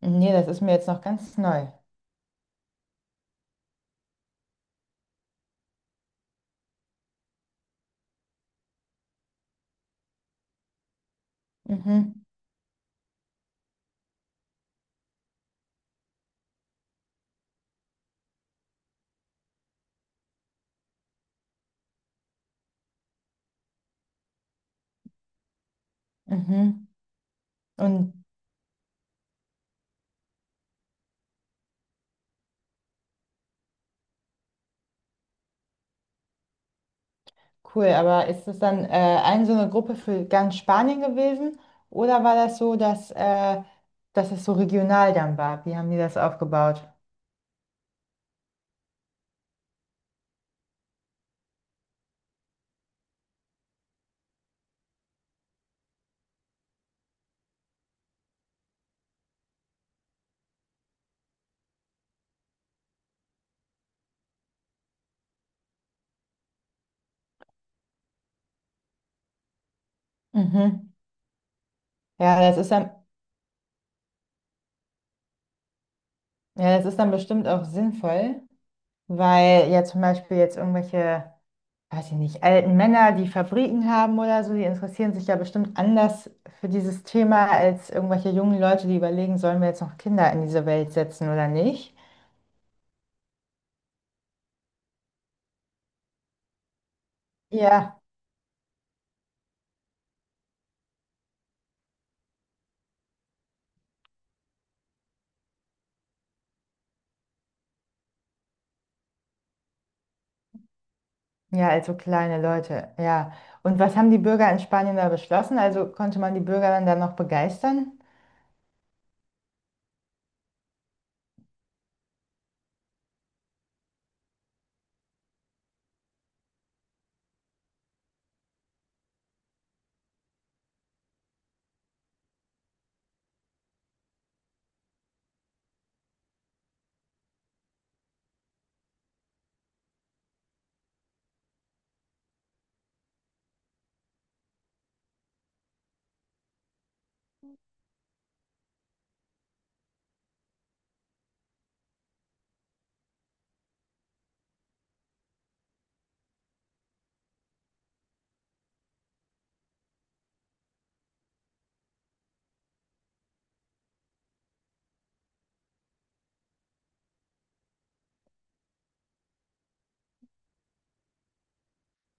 Nee, das ist mir jetzt noch ganz neu. Mhm. mhm. und cool, aber ist das dann ein so eine Gruppe für ganz Spanien gewesen? Oder war das so, dass, dass es so regional dann war? Wie haben die das aufgebaut? Mhm. Ja, das ist dann, ja, das ist dann bestimmt auch sinnvoll, weil ja zum Beispiel jetzt irgendwelche, weiß ich nicht, alten Männer, die Fabriken haben oder so, die interessieren sich ja bestimmt anders für dieses Thema als irgendwelche jungen Leute, die überlegen, sollen wir jetzt noch Kinder in diese Welt setzen oder nicht? Ja, ja, also kleine Leute, ja. Und was haben die Bürger in Spanien da beschlossen? Also konnte man die Bürger dann da noch begeistern?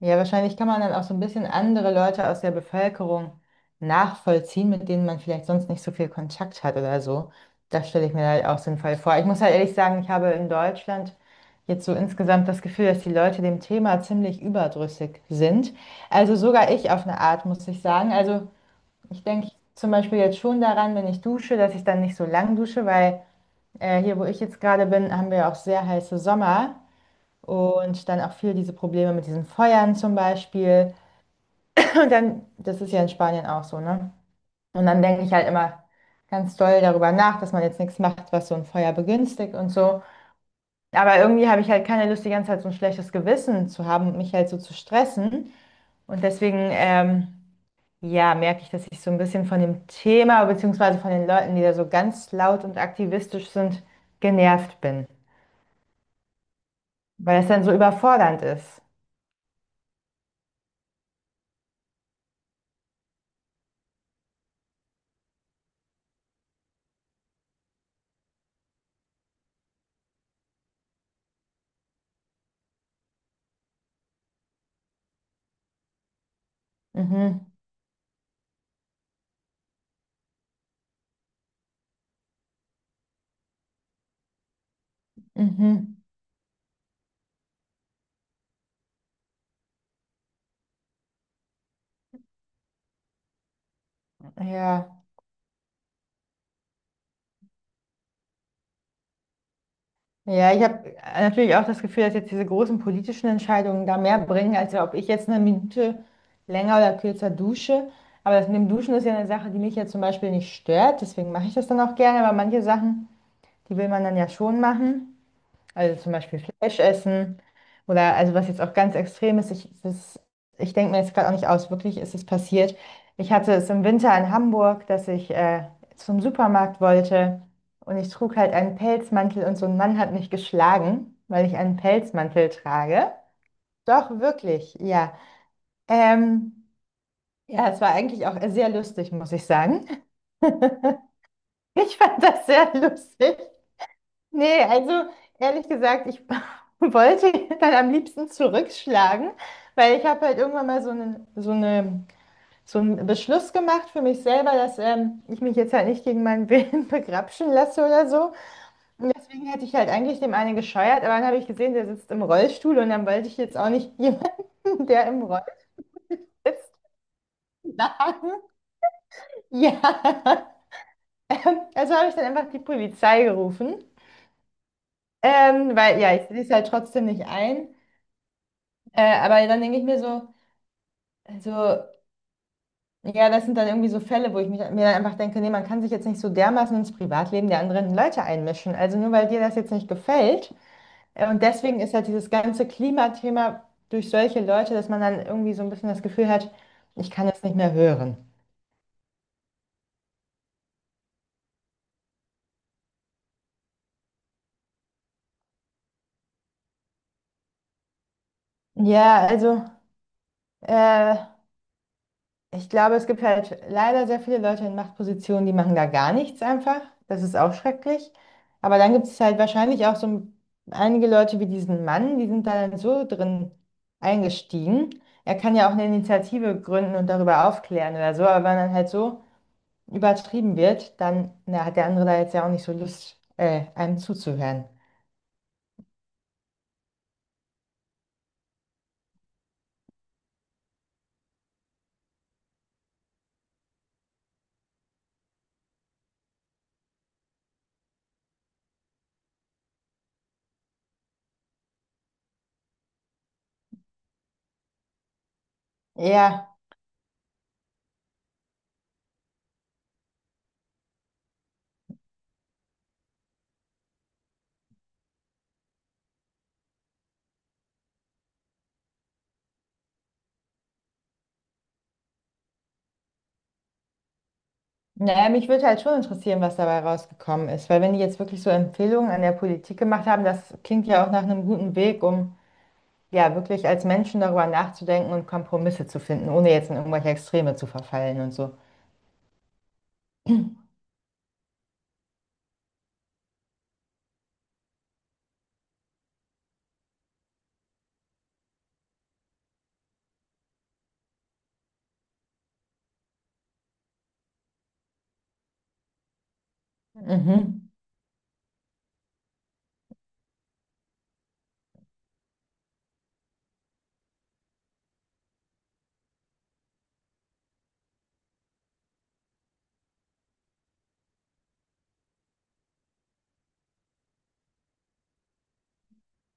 Ja, wahrscheinlich kann man dann auch so ein bisschen andere Leute aus der Bevölkerung nachvollziehen, mit denen man vielleicht sonst nicht so viel Kontakt hat oder so. Das stelle ich mir halt auch sinnvoll vor. Ich muss halt ehrlich sagen, ich habe in Deutschland jetzt so insgesamt das Gefühl, dass die Leute dem Thema ziemlich überdrüssig sind. Also sogar ich auf eine Art, muss ich sagen. Also ich denke zum Beispiel jetzt schon daran, wenn ich dusche, dass ich dann nicht so lang dusche, weil hier, wo ich jetzt gerade bin, haben wir auch sehr heiße Sommer. Und dann auch viel diese Probleme mit diesen Feuern zum Beispiel. Und dann, das ist ja in Spanien auch so, ne? Und dann denke ich halt immer ganz doll darüber nach, dass man jetzt nichts macht, was so ein Feuer begünstigt und so. Aber irgendwie habe ich halt keine Lust, die ganze Zeit so ein schlechtes Gewissen zu haben und mich halt so zu stressen. Und deswegen, ja, merke ich, dass ich so ein bisschen von dem Thema, beziehungsweise von den Leuten, die da so ganz laut und aktivistisch sind, genervt bin. Weil es dann so überfordernd ist. Mhm. Mhm. Ja. Ja, ich habe natürlich auch das Gefühl, dass jetzt diese großen politischen Entscheidungen da mehr bringen, als ob ich jetzt eine Minute länger oder kürzer dusche. Aber das mit dem Duschen ist ja eine Sache, die mich ja zum Beispiel nicht stört. Deswegen mache ich das dann auch gerne. Aber manche Sachen, die will man dann ja schon machen. Also zum Beispiel Fleisch essen oder also was jetzt auch ganz extrem ist, ich denke mir jetzt gerade auch nicht aus, wirklich ist es passiert. Ich hatte es im Winter in Hamburg, dass ich zum Supermarkt wollte und ich trug halt einen Pelzmantel und so ein Mann hat mich geschlagen, weil ich einen Pelzmantel trage. Doch, wirklich, ja. Ähm, ja, es war eigentlich auch sehr lustig, muss ich sagen. Ich fand das sehr lustig. Nee, also ehrlich gesagt, ich wollte dann am liebsten zurückschlagen, weil ich habe halt irgendwann mal so einen Beschluss gemacht für mich selber, dass ich mich jetzt halt nicht gegen meinen Willen begrapschen lasse oder so. Und deswegen hätte ich halt eigentlich dem einen gescheuert, aber dann habe ich gesehen, der sitzt im Rollstuhl und dann wollte ich jetzt auch nicht jemanden, der im Rollstuhl sitzt, schlagen. Ja, also habe ich dann einfach die Polizei gerufen, weil ja, ich sehe es halt trotzdem nicht ein. Aber dann denke ich mir so, also, ja, das sind dann irgendwie so Fälle, wo ich mir dann einfach denke, nee, man kann sich jetzt nicht so dermaßen ins Privatleben der anderen Leute einmischen. Also nur weil dir das jetzt nicht gefällt. Und deswegen ist halt dieses ganze Klimathema durch solche Leute, dass man dann irgendwie so ein bisschen das Gefühl hat, ich kann es nicht mehr hören. Ja, also, äh, ich glaube, es gibt halt leider sehr viele Leute in Machtpositionen, die machen da gar nichts einfach. Das ist auch schrecklich. Aber dann gibt es halt wahrscheinlich auch so einige Leute wie diesen Mann, die sind da dann so drin eingestiegen. Er kann ja auch eine Initiative gründen und darüber aufklären oder so. Aber wenn dann halt so übertrieben wird, dann na, hat der andere da jetzt ja auch nicht so Lust, einem zuzuhören. Ja. Naja, mich würde halt schon interessieren, was dabei rausgekommen ist, weil wenn die jetzt wirklich so Empfehlungen an der Politik gemacht haben, das klingt ja auch nach einem guten Weg, um ja wirklich als Menschen darüber nachzudenken und Kompromisse zu finden, ohne jetzt in irgendwelche Extreme zu verfallen und so. Mhm,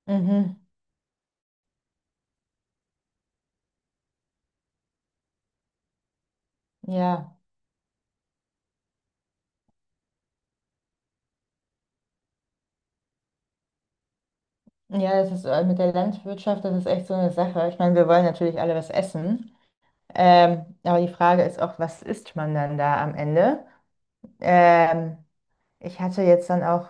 mhm, ja, Ja, das ist mit der Landwirtschaft, das ist echt so eine Sache. Ich meine, wir wollen natürlich alle was essen, aber die Frage ist auch, was isst man dann da am Ende? Ähm, Ich hatte jetzt dann auch,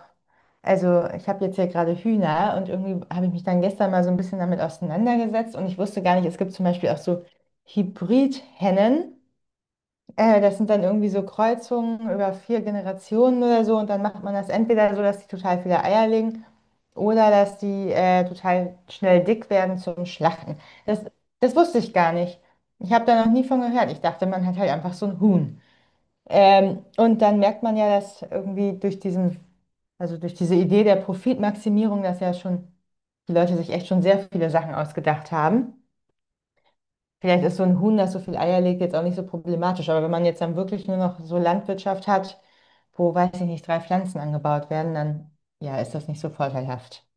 also ich habe jetzt hier gerade Hühner und irgendwie habe ich mich dann gestern mal so ein bisschen damit auseinandergesetzt und ich wusste gar nicht, es gibt zum Beispiel auch so Hybrid-Hennen. Das sind dann irgendwie so Kreuzungen über 4 Generationen oder so und dann macht man das entweder so, dass die total viele Eier legen oder dass die total schnell dick werden zum Schlachten. Das, das wusste ich gar nicht. Ich habe da noch nie von gehört. Ich dachte, man hat halt einfach so ein Huhn. Und dann merkt man ja, dass irgendwie durch diesen, also durch diese Idee der Profitmaximierung, dass ja schon die Leute sich echt schon sehr viele Sachen ausgedacht haben. Vielleicht ist so ein Huhn, das so viel Eier legt, jetzt auch nicht so problematisch. Aber wenn man jetzt dann wirklich nur noch so Landwirtschaft hat, wo, weiß ich nicht, drei Pflanzen angebaut werden, dann ja, ist das nicht so vorteilhaft.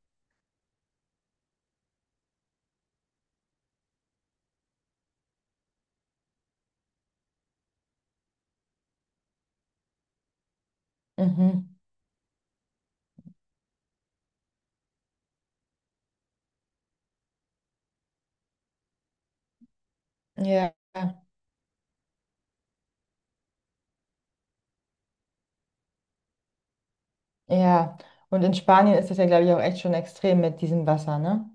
Mhm. Ja, ja. Und in Spanien ist das ja, glaube ich, auch echt schon extrem mit diesem Wasser, ne?